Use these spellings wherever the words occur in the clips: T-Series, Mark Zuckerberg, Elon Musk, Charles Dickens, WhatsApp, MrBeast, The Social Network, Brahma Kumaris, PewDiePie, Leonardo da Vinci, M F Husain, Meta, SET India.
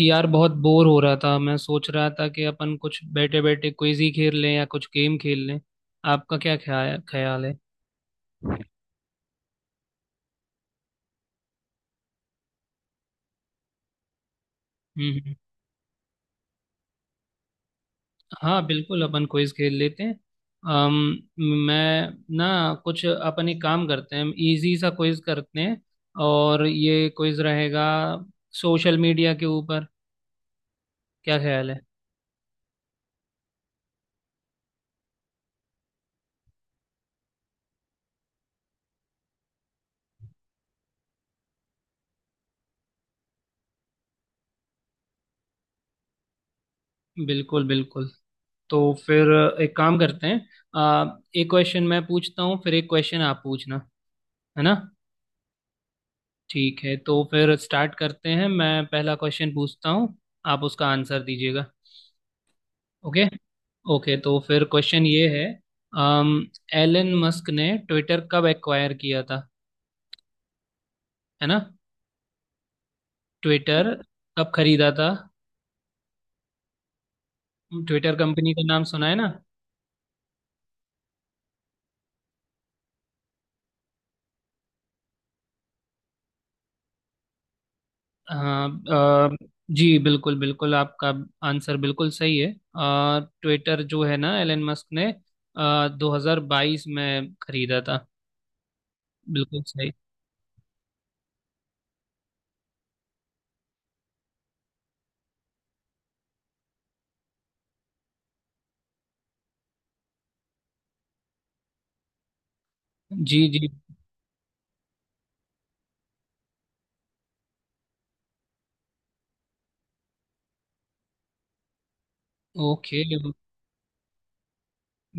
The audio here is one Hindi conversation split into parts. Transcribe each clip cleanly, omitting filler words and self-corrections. यार बहुत बोर हो रहा था। मैं सोच रहा था कि अपन कुछ बैठे बैठे क्विज ही खेल लें या कुछ गेम खेल लें। आपका क्या ख्याल ख्याल है। हम्म हम्म। हाँ बिल्कुल अपन क्विज खेल लेते हैं। अम, मैं ना कुछ, अपन एक काम करते हैं, इजी सा क्विज करते हैं। और ये क्विज रहेगा सोशल मीडिया के ऊपर। क्या ख्याल है। बिल्कुल बिल्कुल। तो फिर एक काम करते हैं, आ, एक क्वेश्चन मैं पूछता हूँ, फिर एक क्वेश्चन आप पूछना, है ना। ठीक है, तो फिर स्टार्ट करते हैं, मैं पहला क्वेश्चन पूछता हूँ, आप उसका आंसर दीजिएगा। ओके, ओके तो फिर क्वेश्चन ये है। अम, एलन मस्क ने ट्विटर कब एक्वायर किया था, है ना। ट्विटर कब खरीदा था। ट्विटर कंपनी का नाम सुना है ना। हाँ। अ, जी बिल्कुल बिल्कुल, आपका आंसर बिल्कुल सही है। ट्विटर जो है ना, एलन मस्क ने 2022 में खरीदा था। बिल्कुल सही। जी जी। ओके।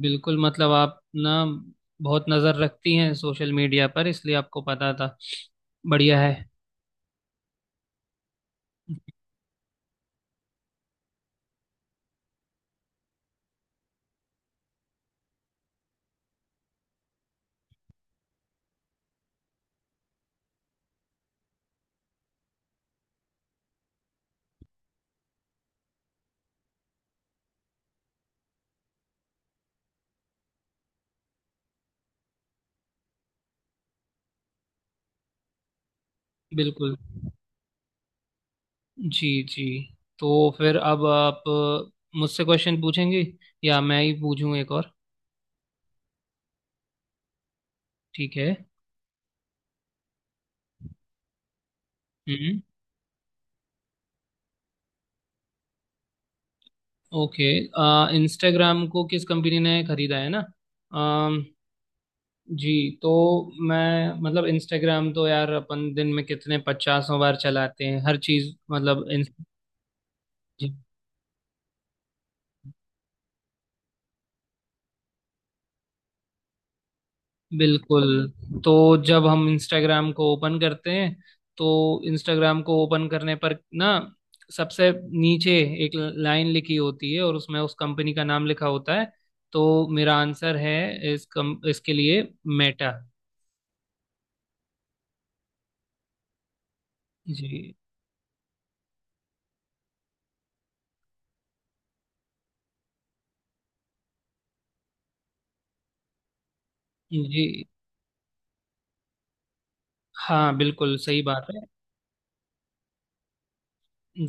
बिल्कुल, मतलब आप ना बहुत नज़र रखती हैं सोशल मीडिया पर, इसलिए आपको पता था। बढ़िया है। बिल्कुल। जी जी। तो फिर अब आप मुझसे क्वेश्चन पूछेंगे, या मैं ही पूछूं एक और। ठीक है। हम्म। ओके, इंस्टाग्राम को किस कंपनी ने खरीदा, है ना। अम, जी। तो मैं मतलब, इंस्टाग्राम तो यार अपन दिन में कितने पचासों बार चलाते हैं, हर चीज़ मतलब इन। जी। बिल्कुल। तो जब हम इंस्टाग्राम को ओपन करते हैं, तो इंस्टाग्राम को ओपन करने पर ना, सबसे नीचे एक लाइन लिखी होती है और उसमें उस कंपनी का नाम लिखा होता है। तो मेरा आंसर है इस इसके लिए, मेटा। जी जी। हाँ बिल्कुल सही बात है।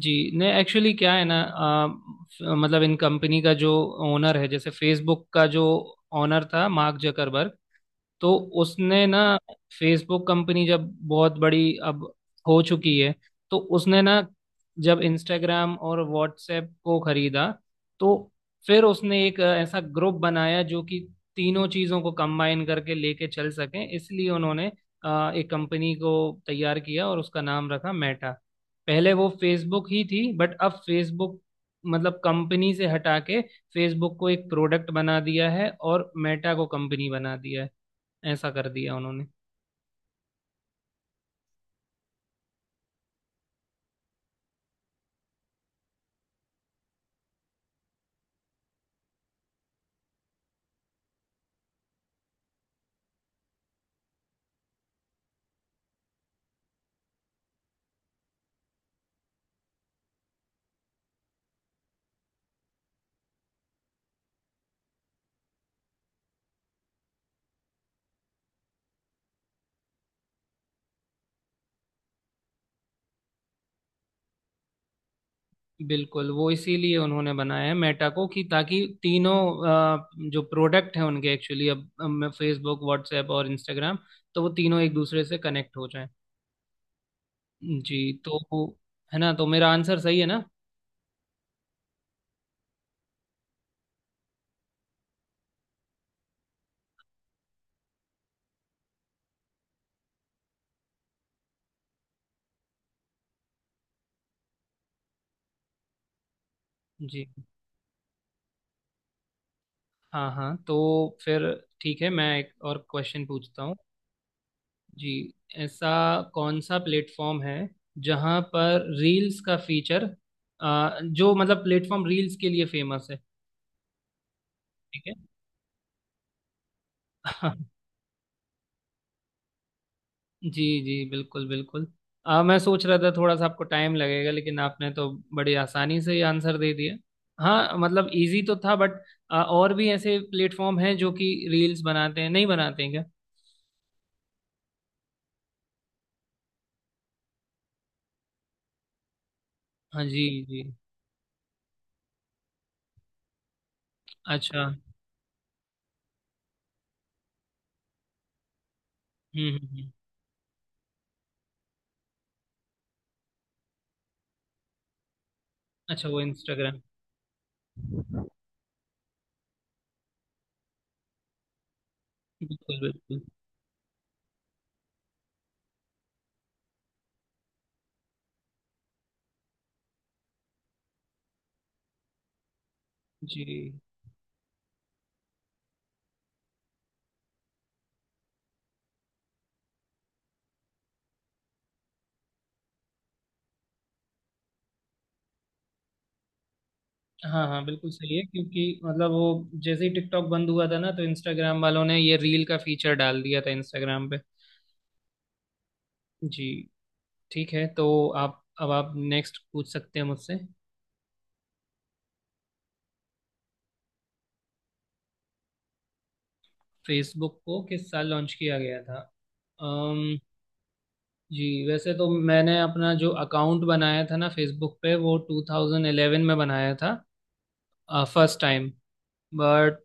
जी। नहीं एक्चुअली क्या है ना, मतलब इन कंपनी का जो ओनर है, जैसे फेसबुक का जो ओनर था मार्क जकरबर्ग, तो उसने ना, फेसबुक कंपनी जब बहुत बड़ी अब हो चुकी है, तो उसने ना जब इंस्टाग्राम और व्हाट्सएप को खरीदा, तो फिर उसने एक ऐसा ग्रुप बनाया जो कि तीनों चीजों को कंबाइन करके लेके चल सकें, इसलिए उन्होंने एक कंपनी को तैयार किया और उसका नाम रखा मेटा। पहले वो फेसबुक ही थी, बट अब फेसबुक मतलब कंपनी से हटा के फेसबुक को एक प्रोडक्ट बना दिया है और मेटा को कंपनी बना दिया है। ऐसा कर दिया उन्होंने। बिल्कुल, वो इसीलिए उन्होंने बनाया है मेटा को कि ताकि तीनों जो प्रोडक्ट हैं उनके, एक्चुअली अब फेसबुक व्हाट्सएप और इंस्टाग्राम, तो वो तीनों एक दूसरे से कनेक्ट हो जाएं। जी। तो वो- है ना, तो मेरा आंसर सही है ना। जी। हाँ हाँ, तो फिर ठीक है मैं एक और क्वेश्चन पूछता हूँ। जी। ऐसा कौन सा प्लेटफॉर्म है जहाँ पर रील्स का फीचर, जो मतलब प्लेटफॉर्म रील्स के लिए फेमस है। ठीक है। जी जी बिल्कुल बिल्कुल। मैं सोच रहा था थोड़ा सा आपको टाइम लगेगा, लेकिन आपने तो बड़ी आसानी से ही आंसर दे दिया। हाँ मतलब इजी तो था, बट और भी ऐसे प्लेटफॉर्म हैं जो कि रील्स बनाते हैं, नहीं बनाते हैं क्या। हाँ। जी जी। अच्छा। हम्म हम्म हम्म। अच्छा, वो इंस्टाग्राम। बिल्कुल बिल्कुल। जी। हाँ हाँ बिल्कुल सही है, क्योंकि मतलब वो जैसे ही टिकटॉक बंद हुआ था ना, तो इंस्टाग्राम वालों ने ये रील का फीचर डाल दिया था इंस्टाग्राम पे। जी। ठीक है, तो आप अब आप नेक्स्ट पूछ सकते हैं मुझसे। फेसबुक को किस साल लॉन्च किया गया था। अम्म। जी। वैसे तो मैंने अपना जो अकाउंट बनाया था ना फेसबुक पे, वो 2011 में बनाया था फर्स्ट टाइम। बट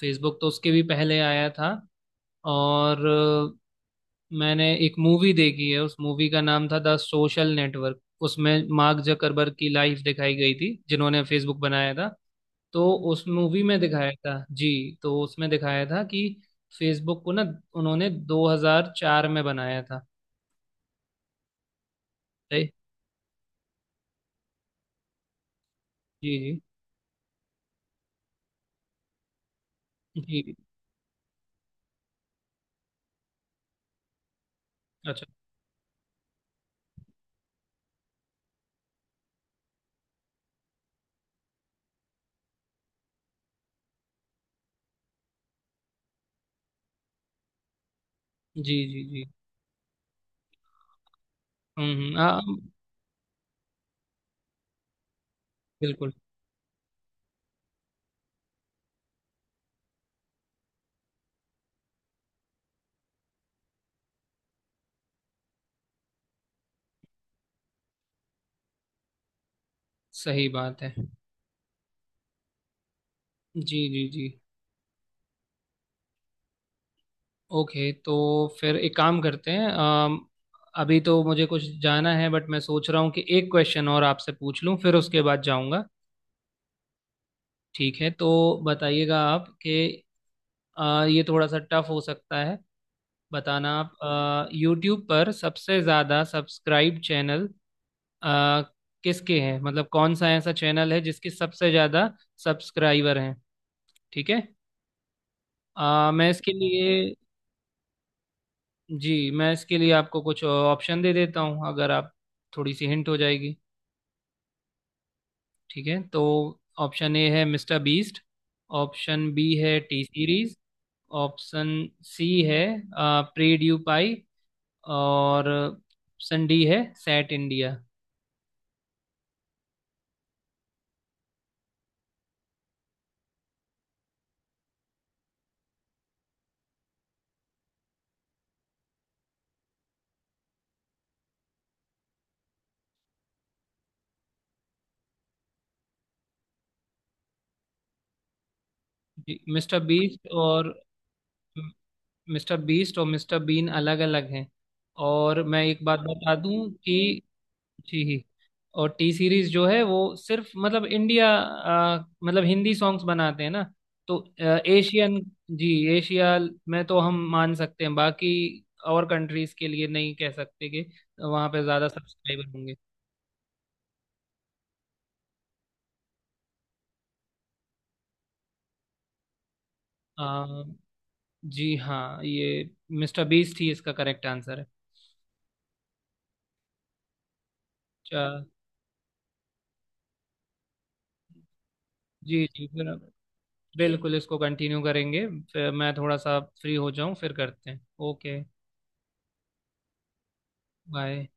फेसबुक तो उसके भी पहले आया था। और मैंने एक मूवी देखी है, उस मूवी का नाम था द सोशल नेटवर्क। उसमें मार्क जकरबर्ग की लाइफ दिखाई गई थी जिन्होंने फेसबुक बनाया था। तो उस मूवी में दिखाया था। जी। तो उसमें दिखाया था कि फेसबुक को ना उन्होंने 2004 में बनाया था। राइट। जी जी जी। अच्छा। जी जी जी। हाँ। बिल्कुल सही बात है। जी जी जी। ओके, तो फिर एक काम करते हैं। अभी तो मुझे कुछ जाना है, बट मैं सोच रहा हूँ कि एक क्वेश्चन और आपसे पूछ लूँ, फिर उसके बाद जाऊँगा। ठीक है, तो बताइएगा आप कि ये थोड़ा सा टफ हो सकता है। बताना आप, यूट्यूब पर सबसे ज़्यादा सब्सक्राइब चैनल आ, किसके हैं, मतलब कौन सा ऐसा चैनल है जिसके सबसे ज़्यादा सब्सक्राइबर हैं। ठीक है। अ, मैं इसके लिए जी, मैं इसके लिए आपको कुछ ऑप्शन दे देता हूँ, अगर आप, थोड़ी सी हिंट हो जाएगी। ठीक है, तो ऑप्शन ए है मिस्टर बीस्ट, ऑप्शन बी है टी सीरीज, ऑप्शन सी है प्री ड्यू पाई, और ऑप्शन डी है सैट इंडिया। जी, मिस्टर बीस्ट और मिस्टर बीन अलग अलग हैं। और मैं एक बात बता दूं कि, जी, और टी सीरीज जो है वो सिर्फ मतलब इंडिया मतलब हिंदी सॉन्ग्स बनाते हैं ना, तो एशियन, जी, एशिया में तो हम मान सकते हैं, बाकी और कंट्रीज के लिए नहीं कह सकते कि वहाँ पे ज़्यादा सब्सक्राइबर होंगे। आ, जी हाँ, ये मिस्टर बीस्ट ही इसका करेक्ट आंसर है। अच्छा, जी जी, फिर बिल्कुल इसको कंटिन्यू करेंगे, फिर मैं थोड़ा सा फ्री हो जाऊं फिर करते हैं। ओके। बाय।